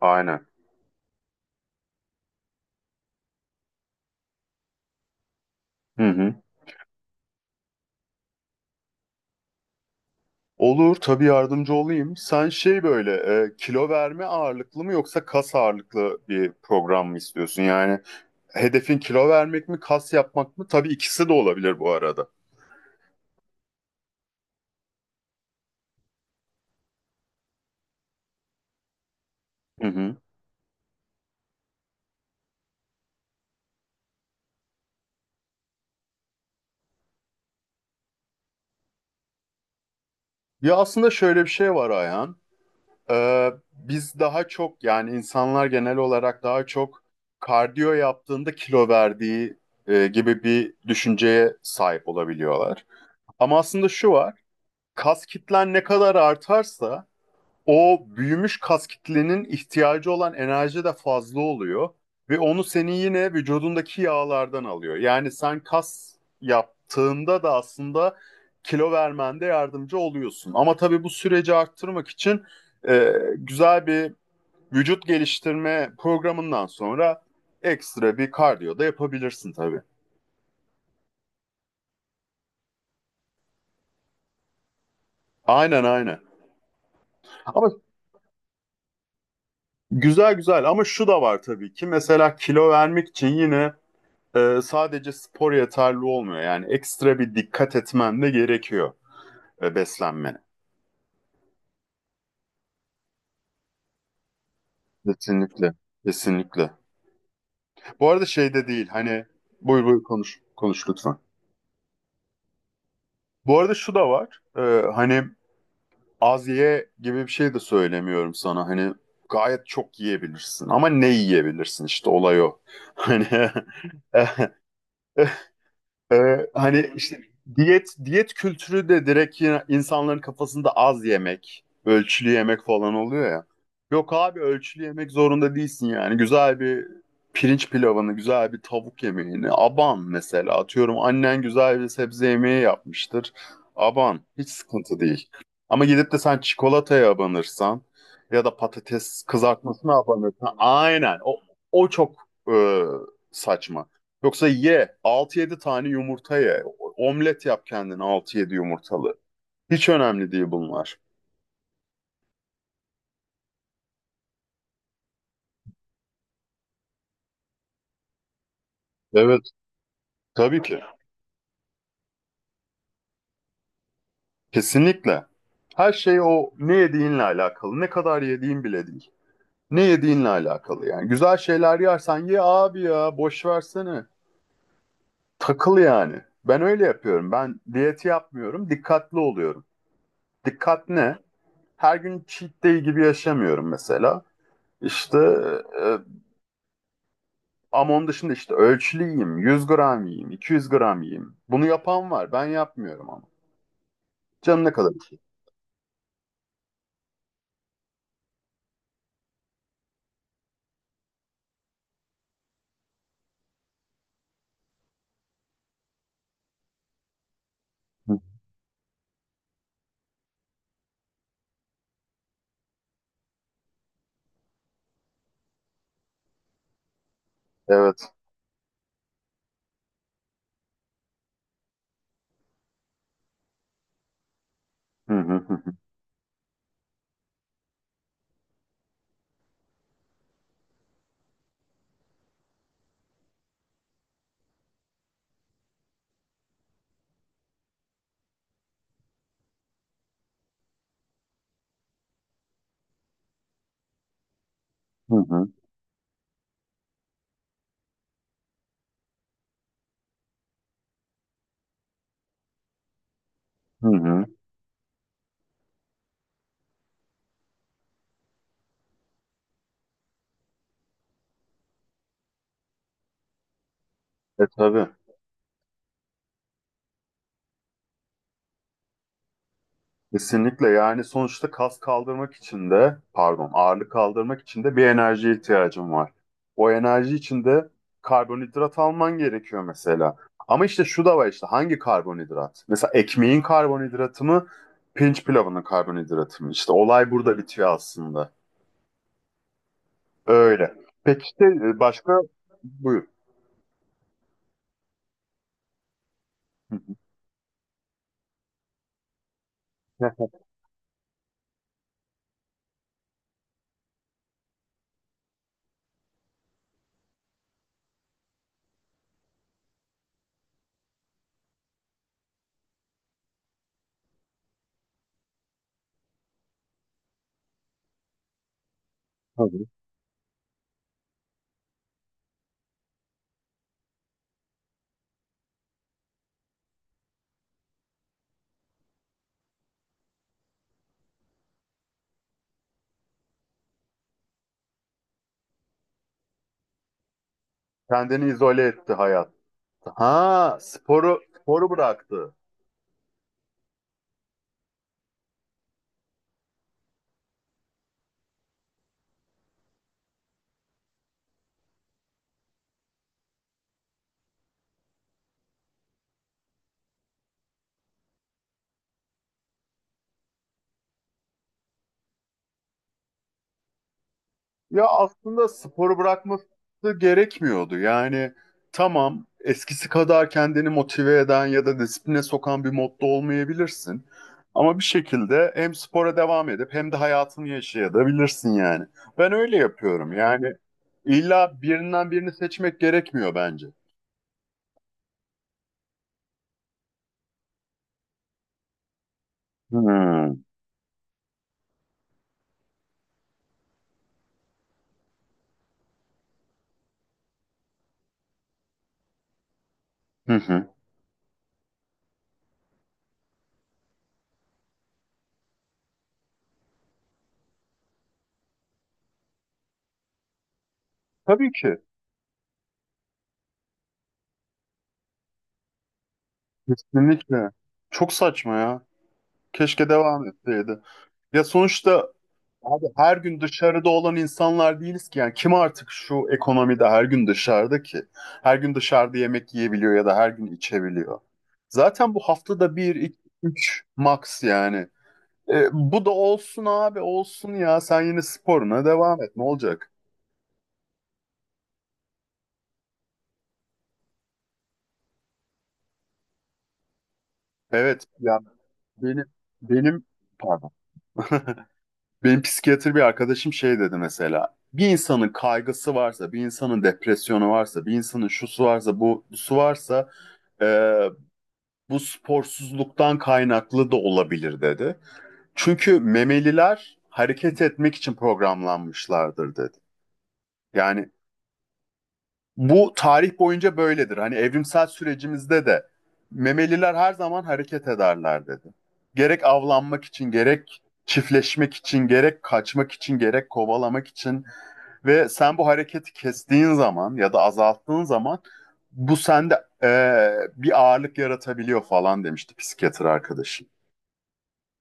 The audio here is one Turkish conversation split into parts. Aynen. Hı hı. Olur tabii yardımcı olayım. Sen şey böyle kilo verme ağırlıklı mı yoksa kas ağırlıklı bir program mı istiyorsun? Yani hedefin kilo vermek mi kas yapmak mı? Tabii ikisi de olabilir bu arada. Hı hı. Ya aslında şöyle bir şey var Ayhan. Biz daha çok yani insanlar genel olarak daha çok kardiyo yaptığında kilo verdiği gibi bir düşünceye sahip olabiliyorlar. Ama aslında şu var. Kas kitlen ne kadar artarsa o büyümüş kas kitlenin ihtiyacı olan enerji de fazla oluyor ve onu senin yine vücudundaki yağlardan alıyor. Yani sen kas yaptığında da aslında kilo vermende yardımcı oluyorsun. Ama tabii bu süreci arttırmak için e, güzel bir vücut geliştirme programından sonra ekstra bir kardiyo da yapabilirsin tabii. Aynen aynen. Ama güzel güzel ama şu da var tabii ki, mesela kilo vermek için yine sadece spor yeterli olmuyor. Yani ekstra bir dikkat etmen de gerekiyor beslenmene. Kesinlikle. Kesinlikle. Bu arada şey de değil hani, buyur buyur, konuş konuş lütfen. Bu arada şu da var. Hani az ye gibi bir şey de söylemiyorum sana. Hani gayet çok yiyebilirsin ama ne yiyebilirsin, işte olay o. Hani hani işte diyet diyet kültürü de direkt yine insanların kafasında az yemek, ölçülü yemek falan oluyor ya. Yok abi, ölçülü yemek zorunda değilsin yani. Güzel bir pirinç pilavını, güzel bir tavuk yemeğini, aban. Mesela atıyorum, annen güzel bir sebze yemeği yapmıştır. Aban, hiç sıkıntı değil. Ama gidip de sen çikolataya abanırsan ya da patates kızartmasına abanırsan, aynen o çok e, saçma. Yoksa ye, altı yedi tane yumurta ye. Omlet yap kendine altı yedi yumurtalı. Hiç önemli değil bunlar. Evet. Tabii ki. Kesinlikle. Her şey o ne yediğinle alakalı. Ne kadar yediğin bile değil. Ne yediğinle alakalı yani. Güzel şeyler yersen ye abi, ya boş versene. Takıl yani. Ben öyle yapıyorum. Ben diyeti yapmıyorum, dikkatli oluyorum. Dikkat ne? Her gün cheat day gibi yaşamıyorum mesela. İşte. e, Ama onun dışında işte ölçülü yiyeyim, 100 gram yiyeyim, 200 gram yiyeyim. Bunu yapan var. Ben yapmıyorum ama. Canım ne kadar ki. Evet. Hı hı hı hı hı hı. Hı. E tabii. Kesinlikle, yani sonuçta kas kaldırmak için de, pardon, ağırlık kaldırmak için de bir enerjiye ihtiyacım var. O enerji için de karbonhidrat alman gerekiyor mesela. Ama işte şu da var, işte hangi karbonhidrat? Mesela ekmeğin karbonhidratı mı, pirinç pilavının karbonhidratı mı? İşte olay burada bitiyor aslında. Öyle. Peki işte başka. Buyur. Kendini izole etti hayatta. Ha, sporu bıraktı. Ya aslında sporu bırakması gerekmiyordu. Yani tamam, eskisi kadar kendini motive eden ya da disipline sokan bir modda olmayabilirsin. Ama bir şekilde hem spora devam edip hem de hayatını yaşayabilirsin yani. Ben öyle yapıyorum. Yani illa birinden birini seçmek gerekmiyor bence. Hmm. Hı hı. Tabii ki. Kesinlikle. Çok saçma ya. Keşke devam etseydi. Ya sonuçta abi, her gün dışarıda olan insanlar değiliz ki. Yani kim artık şu ekonomide her gün dışarıda ki? Her gün dışarıda yemek yiyebiliyor ya da her gün içebiliyor. Zaten bu haftada bir, iki, üç max yani. E, bu da olsun abi, olsun ya. Sen yine sporuna devam et. Ne olacak? Evet yani, benim benim pardon. Benim psikiyatr bir arkadaşım şey dedi mesela. Bir insanın kaygısı varsa, bir insanın depresyonu varsa, bir insanın şusu varsa, bu su varsa, e, bu sporsuzluktan kaynaklı da olabilir dedi. Çünkü memeliler hareket etmek için programlanmışlardır dedi. Yani bu tarih boyunca böyledir. Hani evrimsel sürecimizde de memeliler her zaman hareket ederler dedi. Gerek avlanmak için, gerek çiftleşmek için, gerek kaçmak için, gerek kovalamak için. Ve sen bu hareketi kestiğin zaman ya da azalttığın zaman bu sende bir ağırlık yaratabiliyor falan demişti psikiyatr arkadaşım.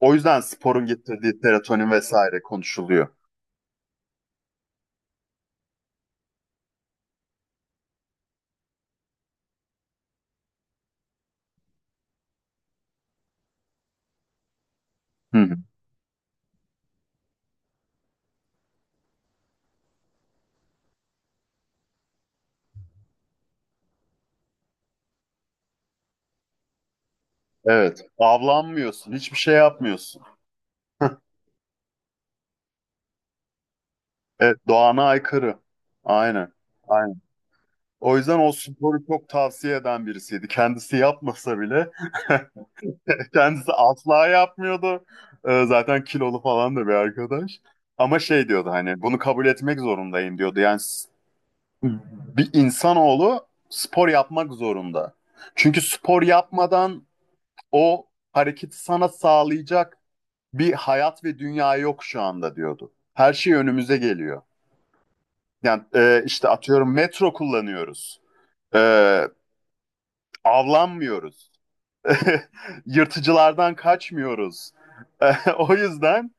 O yüzden sporun getirdiği serotonin vesaire konuşuluyor. Hı hı. Evet, avlanmıyorsun, hiçbir şey yapmıyorsun. Evet, doğana aykırı. Aynen. Aynen. O yüzden o, sporu çok tavsiye eden birisiydi. Kendisi yapmasa bile. Kendisi asla yapmıyordu. Zaten kilolu falan da bir arkadaş. Ama şey diyordu, hani bunu kabul etmek zorundayım diyordu. Yani bir insanoğlu spor yapmak zorunda. Çünkü spor yapmadan o hareketi sana sağlayacak bir hayat ve dünya yok şu anda diyordu. Her şey önümüze geliyor. Yani işte atıyorum, metro kullanıyoruz. E, avlanmıyoruz. Yırtıcılardan kaçmıyoruz. O yüzden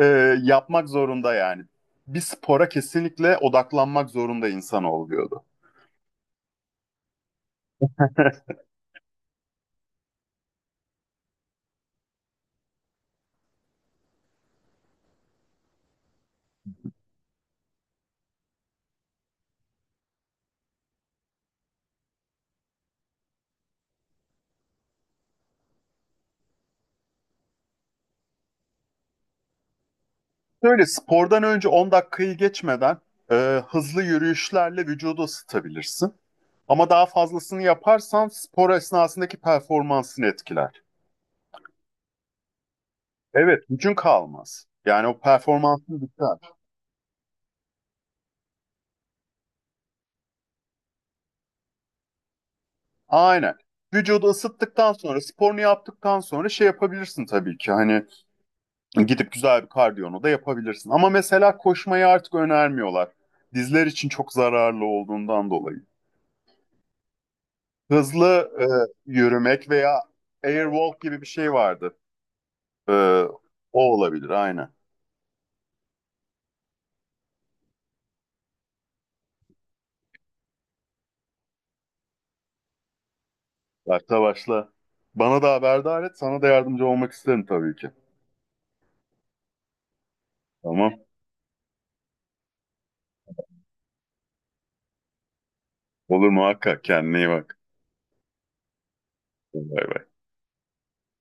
e, yapmak zorunda yani. Bir spora kesinlikle odaklanmak zorunda insan oluyordu. Böyle, spordan önce 10 dakikayı geçmeden e, hızlı yürüyüşlerle vücudu ısıtabilirsin. Ama daha fazlasını yaparsan spor esnasındaki performansını etkiler. Evet, gücün kalmaz. Yani o performansın biter. Aynen. Vücudu ısıttıktan sonra, sporunu yaptıktan sonra şey yapabilirsin tabii ki. Hani gidip güzel bir kardiyonu da yapabilirsin. Ama mesela koşmayı artık önermiyorlar. Dizler için çok zararlı olduğundan dolayı. Hızlı yürümek veya airwalk gibi bir şey vardı. E, o olabilir aynen. Başla başla. Bana da haberdar et. Sana da yardımcı olmak isterim tabii ki. Tamam. Olur muhakkak. Kendine iyi bak. Bay bay.